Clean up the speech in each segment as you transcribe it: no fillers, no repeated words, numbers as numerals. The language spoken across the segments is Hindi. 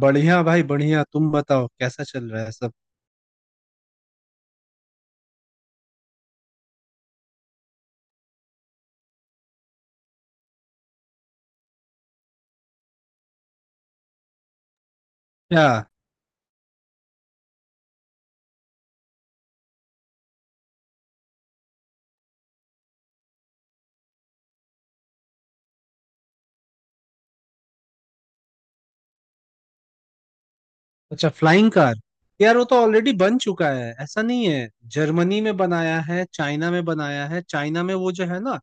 बढ़िया भाई बढ़िया, तुम बताओ कैसा चल रहा है सब? क्या? अच्छा, फ्लाइंग कार? यार वो तो ऑलरेडी बन चुका है, ऐसा नहीं है। जर्मनी में बनाया है, चाइना में बनाया है। चाइना में वो जो है ना,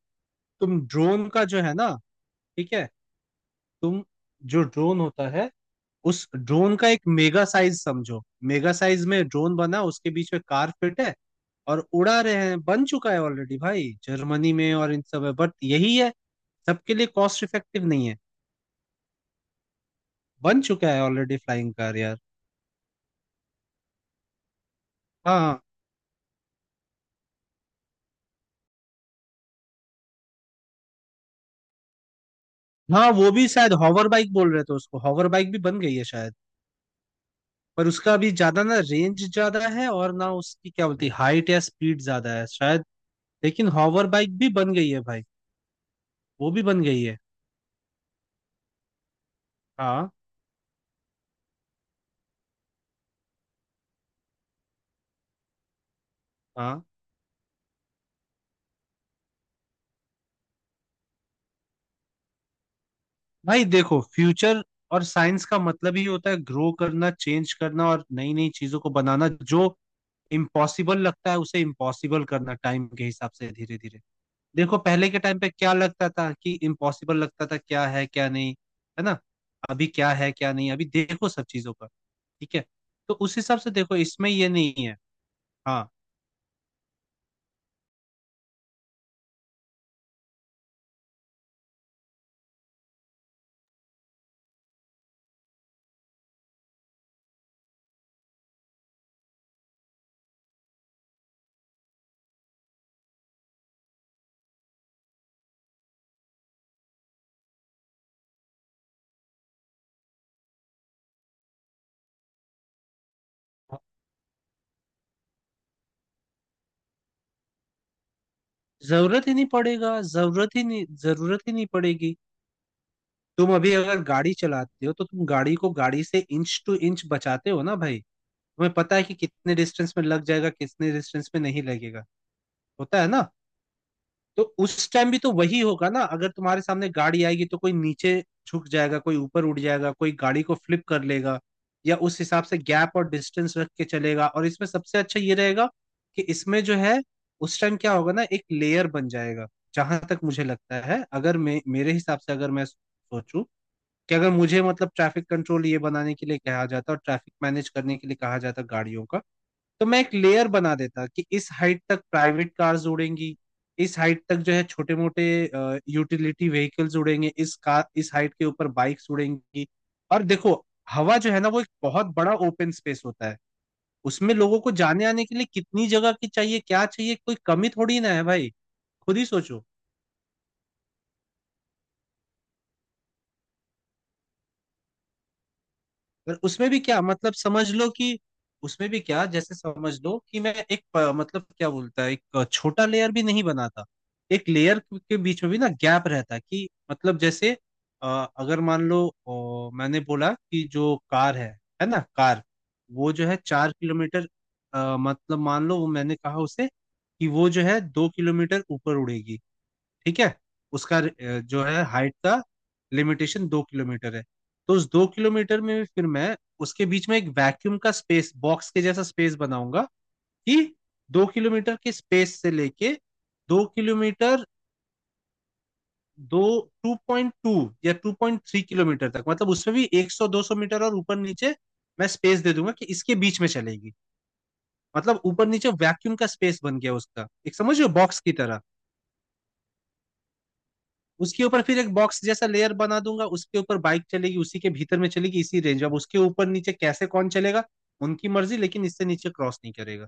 तुम ड्रोन का जो है ना, ठीक है। तुम जो ड्रोन होता है उस ड्रोन का एक मेगा साइज समझो। मेगा साइज में ड्रोन बना, उसके बीच में कार फिट है, और उड़ा रहे हैं। बन चुका है ऑलरेडी भाई, जर्मनी में और इन सब में, बट यही है, सबके लिए कॉस्ट इफेक्टिव नहीं है। बन चुका है ऑलरेडी फ्लाइंग कार यार। हाँ हाँ, वो भी शायद हॉवर बाइक बोल रहे थे उसको, हॉवर बाइक भी बन गई है शायद। पर उसका अभी ज्यादा ना रेंज ज्यादा है, और ना उसकी क्या बोलती है, हाइट या स्पीड ज्यादा है शायद। लेकिन हॉवर बाइक भी बन गई है भाई, वो भी बन गई है। हाँ हाँ, भाई देखो फ्यूचर और साइंस का मतलब ही होता है ग्रो करना, चेंज करना, और नई नई चीजों को बनाना, जो इम्पॉसिबल लगता है उसे इम्पॉसिबल करना, टाइम के हिसाब से धीरे धीरे। देखो पहले के टाइम पे क्या लगता था, कि इम्पॉसिबल लगता था क्या है क्या नहीं, है ना। अभी क्या है क्या नहीं, अभी देखो सब चीजों का, ठीक है? तो उस हिसाब से देखो इसमें ये नहीं है। हाँ, जरूरत ही नहीं पड़ेगा, जरूरत ही नहीं, जरूरत ही नहीं पड़ेगी। तुम अभी अगर गाड़ी चलाते हो तो तुम गाड़ी को गाड़ी से इंच टू इंच बचाते हो ना भाई, तुम्हें पता है कि कितने डिस्टेंस में लग जाएगा कितने डिस्टेंस में नहीं लगेगा, होता है ना? तो उस टाइम भी तो वही होगा ना। अगर तुम्हारे सामने गाड़ी आएगी तो कोई नीचे झुक जाएगा, कोई ऊपर उड़ जाएगा, कोई गाड़ी को फ्लिप कर लेगा, या उस हिसाब से गैप और डिस्टेंस रख के चलेगा। और इसमें सबसे अच्छा ये रहेगा कि इसमें जो है, उस टाइम क्या होगा ना, एक लेयर बन जाएगा। जहां तक मुझे लगता है, अगर मेरे हिसाब से अगर मैं सोचूं कि अगर मुझे मतलब ट्रैफिक कंट्रोल ये बनाने के लिए कहा जाता और ट्रैफिक मैनेज करने के लिए कहा जाता गाड़ियों का, तो मैं एक लेयर बना देता कि इस हाइट तक प्राइवेट कार्स उड़ेंगी, इस हाइट तक जो है छोटे मोटे यूटिलिटी व्हीकल्स उड़ेंगे, इस कार इस हाइट के ऊपर बाइक्स उड़ेंगी। और देखो हवा जो है ना वो एक बहुत बड़ा ओपन स्पेस होता है, उसमें लोगों को जाने आने के लिए कितनी जगह की चाहिए क्या चाहिए, कोई कमी थोड़ी ना है भाई, खुद ही सोचो। पर उसमें भी क्या मतलब, समझ लो कि उसमें भी क्या, जैसे समझ लो कि मैं एक मतलब क्या बोलता है, एक छोटा लेयर भी नहीं बनाता, एक लेयर के बीच में भी ना गैप रहता है कि मतलब जैसे, अ, अगर मान लो मैंने बोला कि जो कार है ना कार, वो जो है 4 किलोमीटर, मतलब मान लो वो, मैंने कहा उसे कि वो जो है 2 किलोमीटर ऊपर उड़ेगी, ठीक है। उसका जो है हाइट का लिमिटेशन 2 किलोमीटर है। तो उस 2 किलोमीटर में भी फिर मैं उसके बीच में एक वैक्यूम का स्पेस, बॉक्स के जैसा स्पेस बनाऊंगा, कि दो किलोमीटर के स्पेस से लेके 2 किलोमीटर, दो, 2.2 या 2.3 किलोमीटर तक, मतलब उसमें भी 100 200 मीटर और ऊपर नीचे मैं स्पेस दे दूंगा कि इसके बीच में चलेगी। मतलब ऊपर नीचे वैक्यूम का स्पेस बन गया उसका एक, समझ रहे हो, बॉक्स की तरह। उसके ऊपर फिर एक बॉक्स जैसा लेयर बना दूंगा, उसके ऊपर बाइक चलेगी, उसी के भीतर में चलेगी, इसी रेंज में। अब उसके ऊपर नीचे कैसे कौन चलेगा, उनकी मर्जी, लेकिन इससे नीचे क्रॉस नहीं करेगा।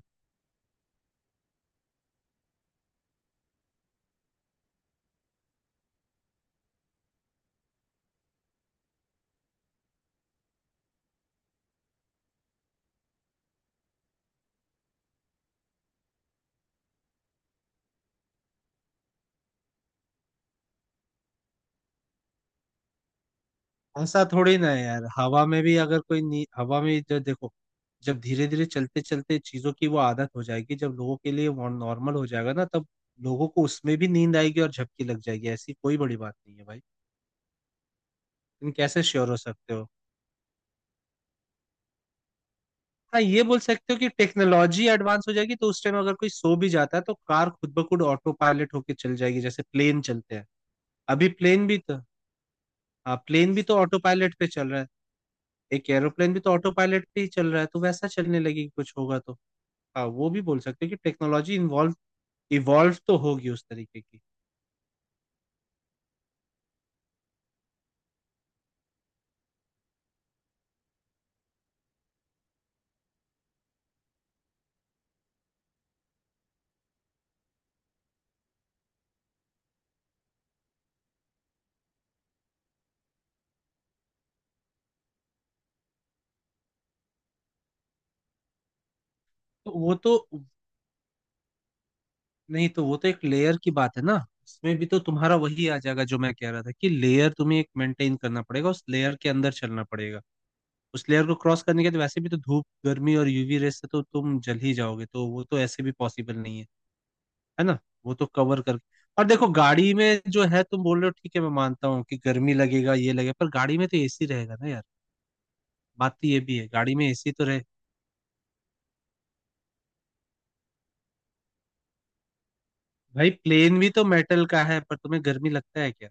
ऐसा थोड़ी ना है यार, हवा में भी अगर कोई हवा में जो देखो, जब धीरे धीरे चलते चलते चीजों की वो आदत हो जाएगी, जब लोगों के लिए वो नॉर्मल हो जाएगा ना, तब लोगों को उसमें भी नींद आएगी और झपकी लग जाएगी, ऐसी कोई बड़ी बात नहीं है भाई। तुम कैसे श्योर हो सकते हो? हाँ ये बोल सकते हो कि टेक्नोलॉजी एडवांस हो जाएगी, तो उस टाइम अगर कोई सो भी जाता है तो कार खुद ब खुद ऑटो पायलट होके चल जाएगी, जैसे प्लेन चलते हैं। अभी प्लेन भी तो, हाँ प्लेन भी तो ऑटो पायलट पे चल रहा है। एक एरोप्लेन भी तो ऑटो पायलट पे ही चल रहा है, तो वैसा चलने लगेगी कुछ होगा तो। हाँ वो भी बोल सकते हो कि टेक्नोलॉजी इन्वॉल्व, इवॉल्व तो होगी उस तरीके की। तो वो तो, नहीं तो वो तो एक लेयर की बात है ना, इसमें भी तो तुम्हारा वही आ जाएगा जो मैं कह रहा था, कि लेयर तुम्हें एक मेंटेन करना पड़ेगा, उस लेयर के अंदर चलना पड़ेगा। उस लेयर को क्रॉस करने के बाद वैसे भी तो धूप गर्मी और यूवी रेस से तो तुम जल ही जाओगे, तो वो तो ऐसे भी पॉसिबल नहीं है, है ना। वो तो कवर कर, और देखो गाड़ी में जो है, तुम बोल रहे हो ठीक है, मैं मानता हूँ कि गर्मी लगेगा ये लगेगा, पर गाड़ी में तो एसी रहेगा ना यार। बात तो ये भी है गाड़ी में एसी तो रहे। भाई प्लेन भी तो मेटल का है, पर तुम्हें गर्मी लगता है क्या?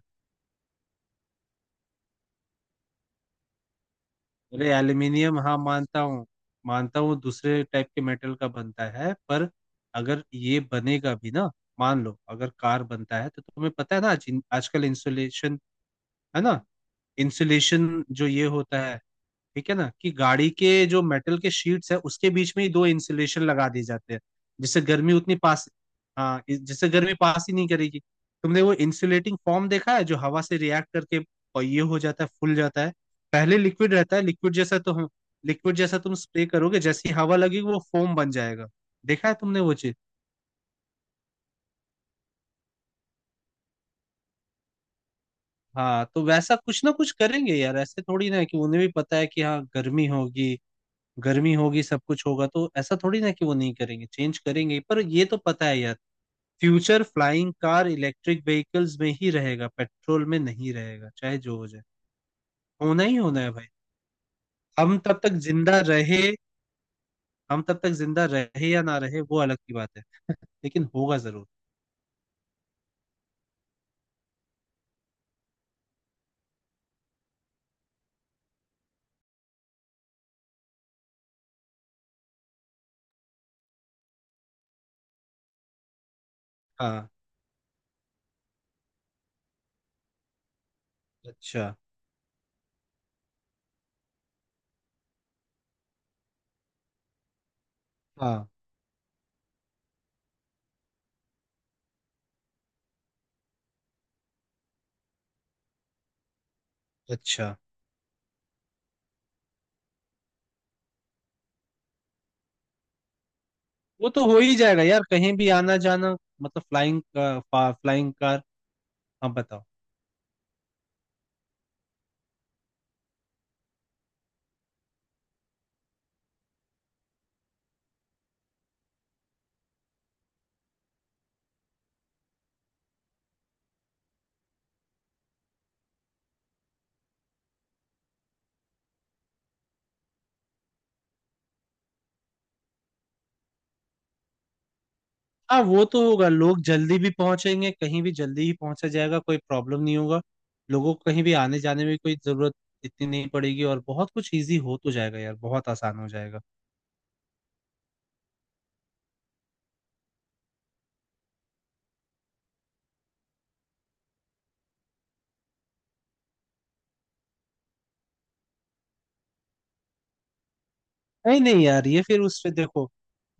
अरे एल्यूमिनियम हाँ मानता हूँ, मानता हूँ दूसरे टाइप के मेटल का बनता है, पर अगर ये बनेगा भी ना, मान लो अगर कार बनता है, तो तुम्हें पता है ना, आज आजकल इंसुलेशन, है ना, इंसुलेशन जो ये होता है, ठीक है ना, कि गाड़ी के जो मेटल के शीट्स है उसके बीच में ही दो इंसुलेशन लगा दिए जाते हैं, जिससे गर्मी उतनी पास, हाँ जिससे गर्मी पास ही नहीं करेगी। तुमने वो इंसुलेटिंग फॉर्म देखा है जो हवा से रिएक्ट करके और ये हो जाता है, फूल जाता है? पहले लिक्विड रहता है, लिक्विड जैसा तो हम, लिक्विड जैसा तुम स्प्रे करोगे, जैसी हवा लगेगी वो फोम बन जाएगा। देखा है तुमने वो चीज? हाँ तो वैसा कुछ ना कुछ करेंगे यार, ऐसे थोड़ी ना है, कि उन्हें भी पता है कि हाँ गर्मी होगी, गर्मी होगी सब कुछ होगा, तो ऐसा थोड़ी ना कि वो नहीं करेंगे, चेंज करेंगे। पर ये तो पता है यार, future flying car electric vehicles में ही रहेगा, पेट्रोल में नहीं रहेगा, चाहे जो हो जाए, होना ही होना है भाई। हम तब तक जिंदा रहे, हम तब तक जिंदा रहे या ना रहे वो अलग की बात है, लेकिन होगा जरूर। हाँ अच्छा। हाँ अच्छा, वो तो हो ही जाएगा यार, कहीं भी आना जाना, मतलब फ्लाइंग का, फ्लाइंग कार। हम बताओ। हाँ वो तो होगा, लोग जल्दी भी पहुंचेंगे, कहीं भी जल्दी ही पहुंचा जाएगा, कोई प्रॉब्लम नहीं होगा। लोगों को कहीं भी आने जाने में कोई जरूरत इतनी नहीं पड़ेगी, और बहुत कुछ इजी हो तो जाएगा यार, बहुत आसान हो जाएगा। नहीं नहीं यार, ये फिर उस पे देखो,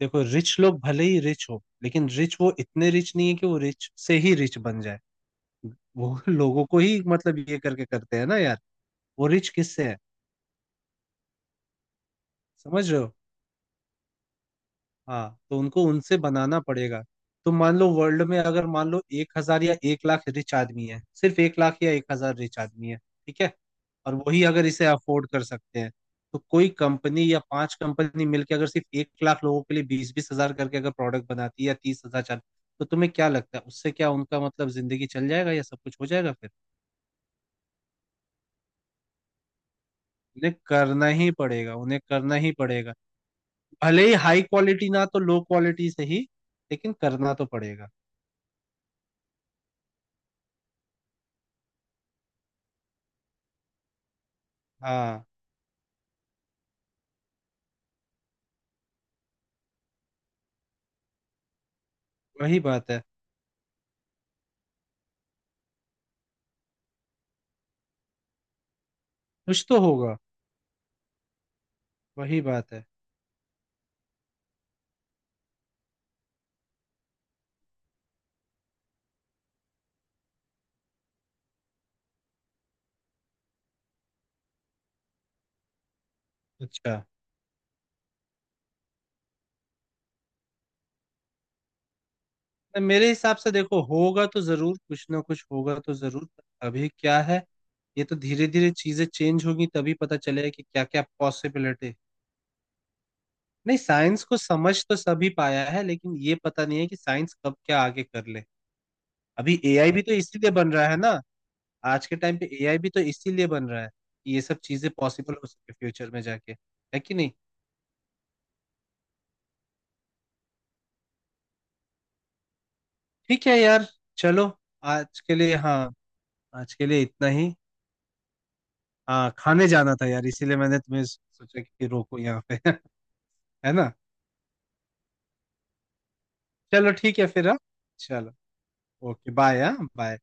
देखो रिच लोग भले ही रिच हो, लेकिन रिच वो इतने रिच नहीं है कि वो रिच से ही रिच बन जाए। वो लोगों को ही मतलब ये करके करते हैं ना यार, वो रिच किससे है, समझ रहे हो? हाँ तो उनको उनसे बनाना पड़ेगा। तो मान लो वर्ल्ड में, अगर मान लो 1,000 या 1 लाख रिच आदमी है, सिर्फ 1 लाख या 1,000 रिच आदमी है, ठीक है, और वही अगर इसे अफोर्ड कर सकते हैं, तो कोई कंपनी या पांच कंपनी मिलकर अगर सिर्फ 1 लाख लोगों के लिए 20,000-20,000 करके अगर प्रोडक्ट बनाती है, या 30,000, चार, तो तुम्हें क्या लगता है, उससे क्या उनका मतलब जिंदगी चल जाएगा, या सब कुछ हो जाएगा फिर? उन्हें करना ही पड़ेगा, उन्हें करना ही पड़ेगा, भले ही हाई क्वालिटी ना तो लो क्वालिटी से ही, लेकिन करना तो पड़ेगा। हाँ वही बात है, कुछ तो होगा, वही बात है। अच्छा, तो मेरे हिसाब से देखो होगा तो जरूर, कुछ ना कुछ होगा तो जरूर। अभी क्या है, ये तो धीरे धीरे चीजें चेंज होगी, तभी पता चलेगा कि क्या क्या पॉसिबिलिटी। नहीं साइंस को समझ तो सभी पाया है, लेकिन ये पता नहीं है कि साइंस कब क्या आगे कर ले। अभी एआई भी तो इसीलिए बन रहा है ना। आज के टाइम पे एआई भी तो इसीलिए बन रहा है कि ये सब चीजें पॉसिबल हो सके फ्यूचर में जाके, है कि नहीं? ठीक है यार, चलो, आज के लिए, हाँ आज के लिए इतना ही। हाँ खाने जाना था यार, इसीलिए मैंने तुम्हें सोचा कि रोको यहाँ पे है ना। चलो ठीक है फिर, हाँ चलो। ओके बाय, हाँ बाय।